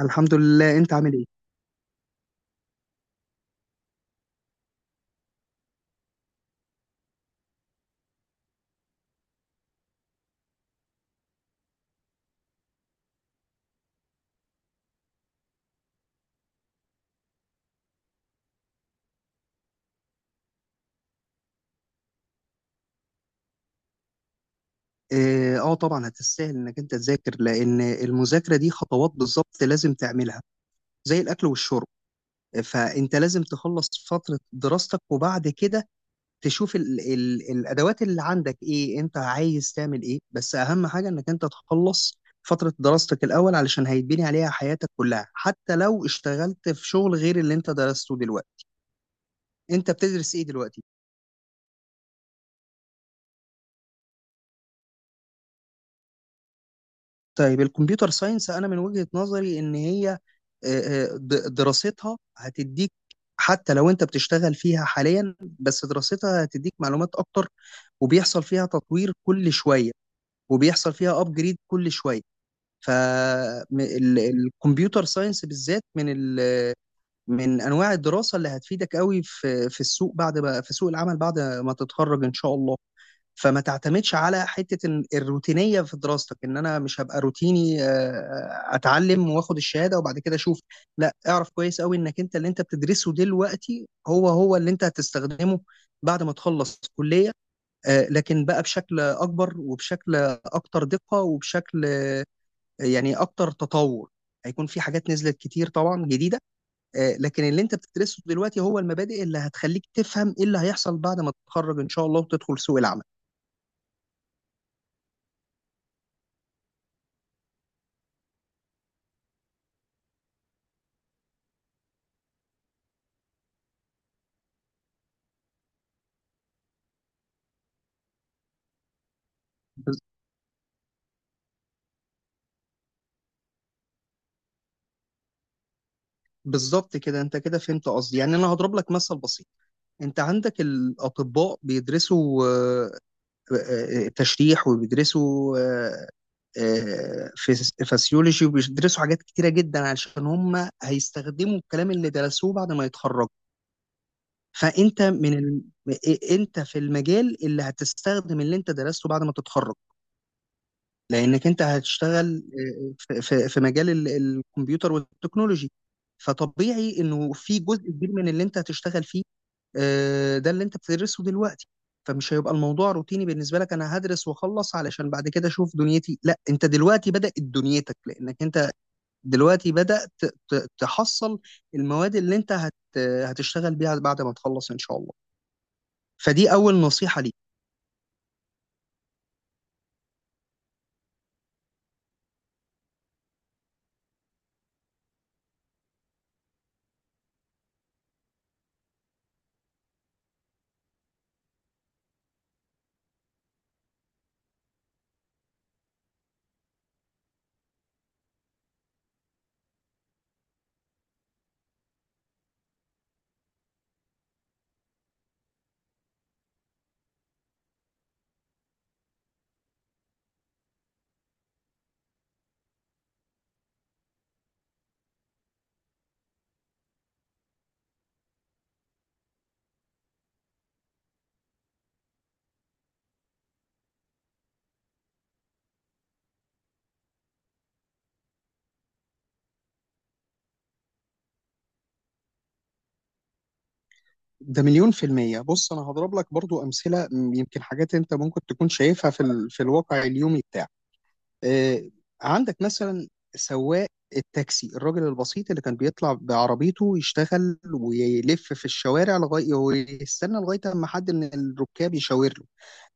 الحمد لله، انت عامل ايه؟ اه، آه طبعا هتستاهل انك انت تذاكر لان المذاكره دي خطوات بالظبط لازم تعملها زي الاكل والشرب. فانت لازم تخلص فتره دراستك وبعد كده تشوف ال الادوات اللي عندك ايه، انت عايز تعمل ايه، بس اهم حاجه انك انت تخلص فتره دراستك الاول علشان هيتبني عليها حياتك كلها حتى لو اشتغلت في شغل غير اللي انت درسته دلوقتي. انت بتدرس ايه دلوقتي؟ طيب الكمبيوتر ساينس، انا من وجهة نظري ان هي دراستها هتديك، حتى لو انت بتشتغل فيها حاليا بس دراستها هتديك معلومات اكتر، وبيحصل فيها تطوير كل شوية وبيحصل فيها ابجريد كل شوية. فالكمبيوتر ساينس بالذات من من انواع الدراسة اللي هتفيدك قوي في السوق، بعد ما في سوق العمل بعد ما تتخرج ان شاء الله. فما تعتمدش على حتة الروتينية في دراستك، ان انا مش هبقى روتيني، اتعلم واخد الشهادة وبعد كده اشوف. لا، اعرف كويس قوي انك انت اللي انت بتدرسه دلوقتي هو هو اللي انت هتستخدمه بعد ما تخلص كلية، لكن بقى بشكل اكبر وبشكل اكتر دقة وبشكل يعني اكتر تطور. هيكون في حاجات نزلت كتير طبعا جديدة، لكن اللي انت بتدرسه دلوقتي هو المبادئ اللي هتخليك تفهم ايه اللي هيحصل بعد ما تتخرج ان شاء الله وتدخل سوق العمل. بالظبط كده، انت كده فهمت قصدي. يعني انا هضرب لك مثل بسيط. انت عندك الاطباء بيدرسوا تشريح وبيدرسوا فسيولوجي وبيدرسوا حاجات كتيره جدا علشان هم هيستخدموا الكلام اللي درسوه بعد ما يتخرجوا. فانت من انت في المجال اللي هتستخدم اللي انت درسته بعد ما تتخرج، لانك انت هتشتغل في في مجال الكمبيوتر والتكنولوجي. فطبيعي انه في جزء كبير من اللي انت هتشتغل فيه، ده اللي انت بتدرسه دلوقتي. فمش هيبقى الموضوع روتيني بالنسبه لك، انا هدرس واخلص علشان بعد كده اشوف دنيتي. لا، انت دلوقتي بدات دنيتك لانك انت دلوقتي بدات تحصل المواد اللي انت هتشتغل بيها بعد ما تخلص ان شاء الله. فدي اول نصيحه ليك. ده مليون في المية. بص، أنا هضرب لك برضو أمثلة، يمكن حاجات أنت ممكن تكون شايفها في الواقع اليومي بتاعك. آه، عندك مثلا سواق التاكسي، الراجل البسيط اللي كان بيطلع بعربيته يشتغل ويلف في الشوارع لغايه ويستنى لغايه اما حد من الركاب يشاور له.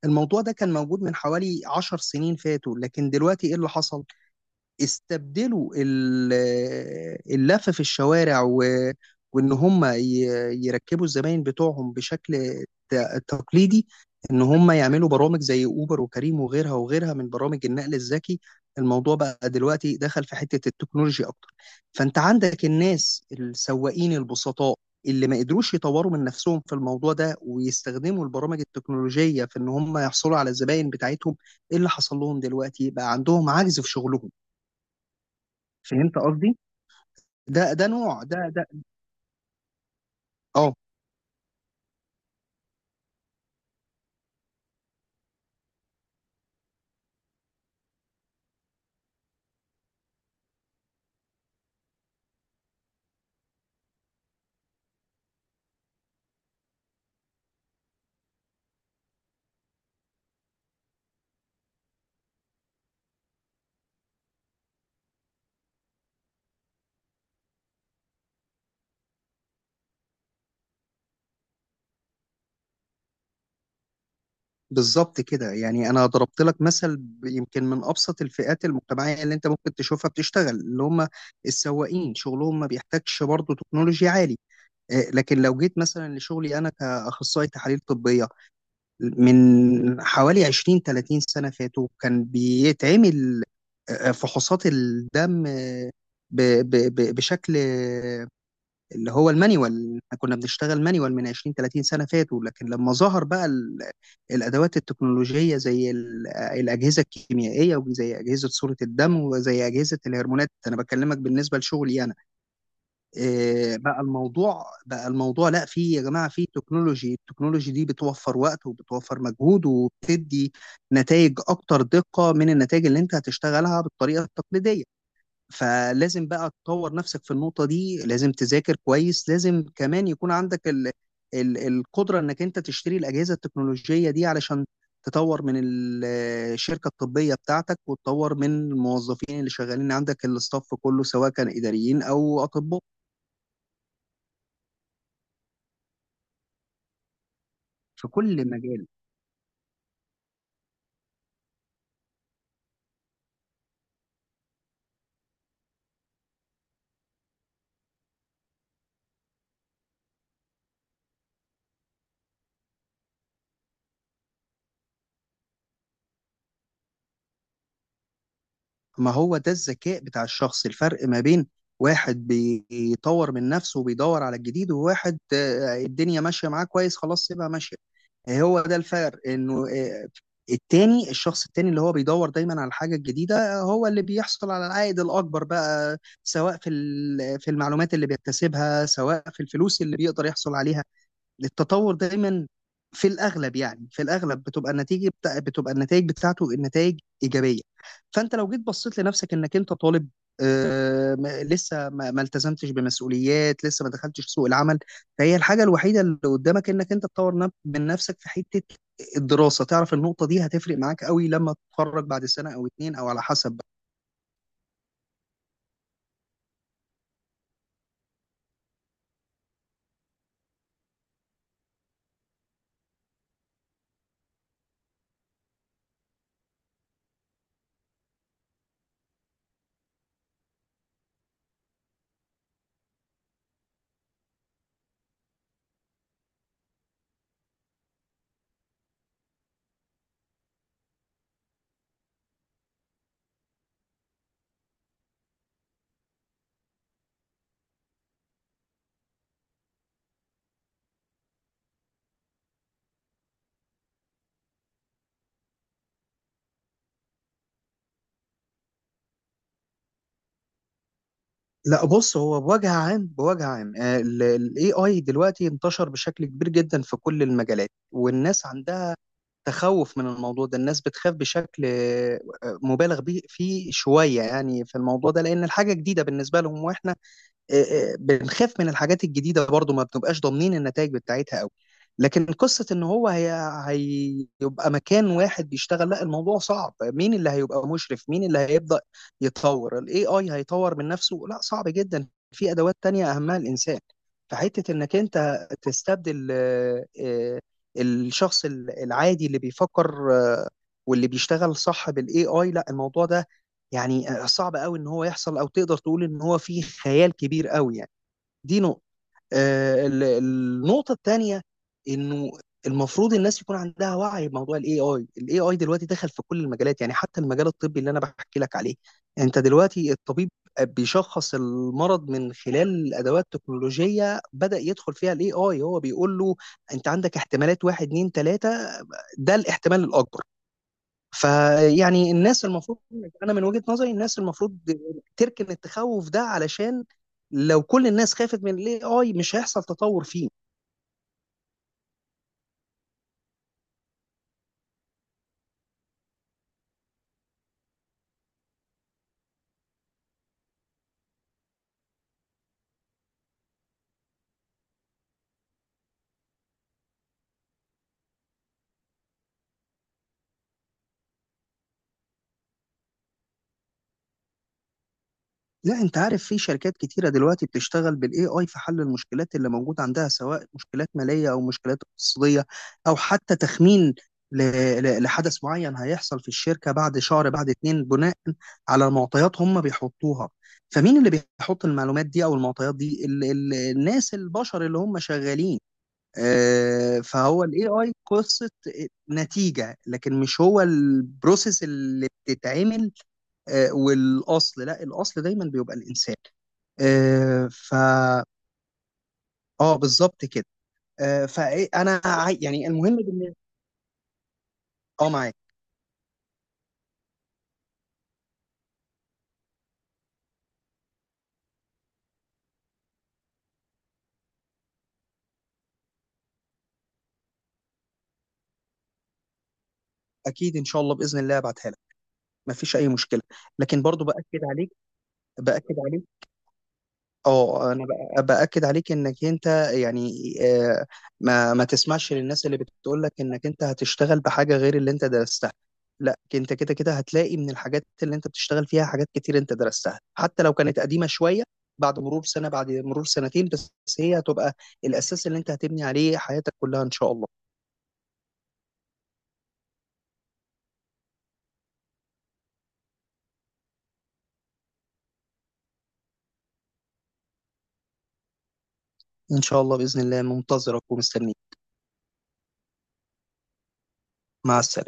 الموضوع ده كان موجود من حوالي 10 سنين فاتوا، لكن دلوقتي ايه اللي حصل؟ استبدلوا اللف في الشوارع وان هم يركبوا الزباين بتوعهم بشكل تقليدي، ان هم يعملوا برامج زي اوبر وكريم وغيرها وغيرها من برامج النقل الذكي. الموضوع بقى دلوقتي دخل في حتة التكنولوجيا اكتر. فانت عندك الناس السواقين البسطاء اللي ما قدروش يطوروا من نفسهم في الموضوع ده ويستخدموا البرامج التكنولوجية في ان هم يحصلوا على الزباين بتاعتهم، ايه اللي حصل لهم؟ دلوقتي بقى عندهم عجز في شغلهم. فهمت قصدي؟ ده نوع ده ده اه، بالظبط كده. يعني انا ضربت لك مثل يمكن من ابسط الفئات المجتمعيه اللي انت ممكن تشوفها بتشتغل، اللي هم السواقين، شغلهم ما بيحتاجش برضه تكنولوجيا عالي. لكن لو جيت مثلا لشغلي انا كاخصائي تحاليل طبيه، من حوالي 20 30 سنه فاتوا كان بيتعمل فحوصات الدم ب- بشكل اللي هو المانيوال. احنا كنا بنشتغل مانيوال من 20 30 سنة فاتوا، لكن لما ظهر بقى الأدوات التكنولوجية زي الأجهزة الكيميائية وزي أجهزة صورة الدم وزي أجهزة الهرمونات، أنا بكلمك بالنسبة لشغلي أنا، إيه بقى الموضوع بقى الموضوع لا، في يا جماعة، في تكنولوجي، التكنولوجي دي بتوفر وقت وبتوفر مجهود وبتدي نتائج أكتر دقة من النتائج اللي أنت هتشتغلها بالطريقة التقليدية. فلازم بقى تطور نفسك في النقطة دي، لازم تذاكر كويس، لازم كمان يكون عندك ال القدرة انك انت تشتري الأجهزة التكنولوجية دي علشان تطور من الشركة الطبية بتاعتك وتطور من الموظفين اللي شغالين عندك، الاستاف كله سواء كان إداريين أو أطباء، في كل مجال. ما هو ده الذكاء بتاع الشخص، الفرق ما بين واحد بيطور من نفسه وبيدور على الجديد وواحد الدنيا ماشية معاه كويس خلاص سيبها ماشية. هو ده الفرق، انه التاني، الشخص التاني اللي هو بيدور دايما على الحاجه الجديده هو اللي بيحصل على العائد الاكبر بقى، سواء في في المعلومات اللي بيكتسبها سواء في الفلوس اللي بيقدر يحصل عليها. التطور دايما في الاغلب، يعني في الاغلب بتبقى النتيجه بتبقى النتائج بتاعته النتائج ايجابيه. فانت لو جيت بصيت لنفسك، انك انت طالب، آه ما- لسه ما... ما التزمتش بمسؤوليات، لسه ما دخلتش سوق العمل، فهي الحاجه الوحيده اللي قدامك انك انت تطور من نفسك في حته الدراسه. تعرف النقطه دي هتفرق معاك قوي لما تتخرج بعد سنه او اتنين او على حسب بقى. لا بص، هو بوجه عام، بوجه عام الاي اي دلوقتي انتشر بشكل كبير جدا في كل المجالات والناس عندها تخوف من الموضوع ده. الناس بتخاف بشكل مبالغ فيه شوية يعني في الموضوع ده، لأن الحاجة جديدة بالنسبة لهم، وإحنا بنخاف من الحاجات الجديده برضو، ما بنبقاش ضامنين النتائج بتاعتها قوي. لكن قصه ان هو هي هيبقى مكان واحد بيشتغل، لا الموضوع صعب، مين اللي هيبقى مشرف؟ مين اللي هيبدا يتطور؟ الاي اي هيطور من نفسه؟ لا صعب جدا، في ادوات تانية اهمها الانسان. فحته انك انت تستبدل الشخص العادي اللي بيفكر واللي بيشتغل صح بالاي اي، لا الموضوع ده يعني صعب قوي ان هو يحصل، او تقدر تقول ان هو فيه خيال كبير قوي يعني. دي نقطة. النقطة التانية انه المفروض الناس يكون عندها وعي بموضوع الاي اي. الاي اي دلوقتي دخل في كل المجالات، يعني حتى المجال الطبي اللي انا بحكي لك عليه. انت دلوقتي الطبيب بيشخص المرض من خلال ادوات تكنولوجية بدأ يدخل فيها الاي اي، هو بيقول له انت عندك احتمالات واحد اتنين تلاتة، ده الاحتمال الاكبر. فيعني الناس المفروض، انا من وجهة نظري الناس المفروض تركن التخوف ده علشان لو كل الناس خافت من الاي اي مش هيحصل تطور فيه. لا انت عارف في شركات كتيرة دلوقتي بتشتغل بالاي اي في حل المشكلات اللي موجودة عندها سواء مشكلات مالية او مشكلات اقتصادية، او حتى تخمين ل- لحدث معين هيحصل في الشركة بعد شهر بعد اتنين، بناء على معطيات هم بيحطوها. فمين اللي بيحط المعلومات دي او المعطيات دي؟ الناس، البشر اللي هم شغالين. فهو الاي اي قصه نتيجه، لكن مش هو البروسيس اللي بتتعمل، والاصل، لا الاصل دايما بيبقى الانسان، آه، ف اه بالظبط كده. فانا يعني المهم بالنسبه، اه، معاك. اكيد ان شاء الله باذن الله ابعتها لك، مفيش اي مشكله. لكن برضو باكد عليك، باكد عليك. اه انا باكد عليك انك انت يعني، ما تسمعش للناس اللي بتقول لك انك انت هتشتغل بحاجه غير اللي انت درستها. لا انت كده كده هتلاقي من الحاجات اللي انت بتشتغل فيها حاجات كتير انت درستها، حتى لو كانت قديمه شويه. بعد مرور سنه، بعد مرور سنتين، بس هي هتبقى الاساس اللي انت هتبني عليه حياتك كلها ان شاء الله. ان شاء الله باذن الله منتظرك ومستنيك. مع السلامه.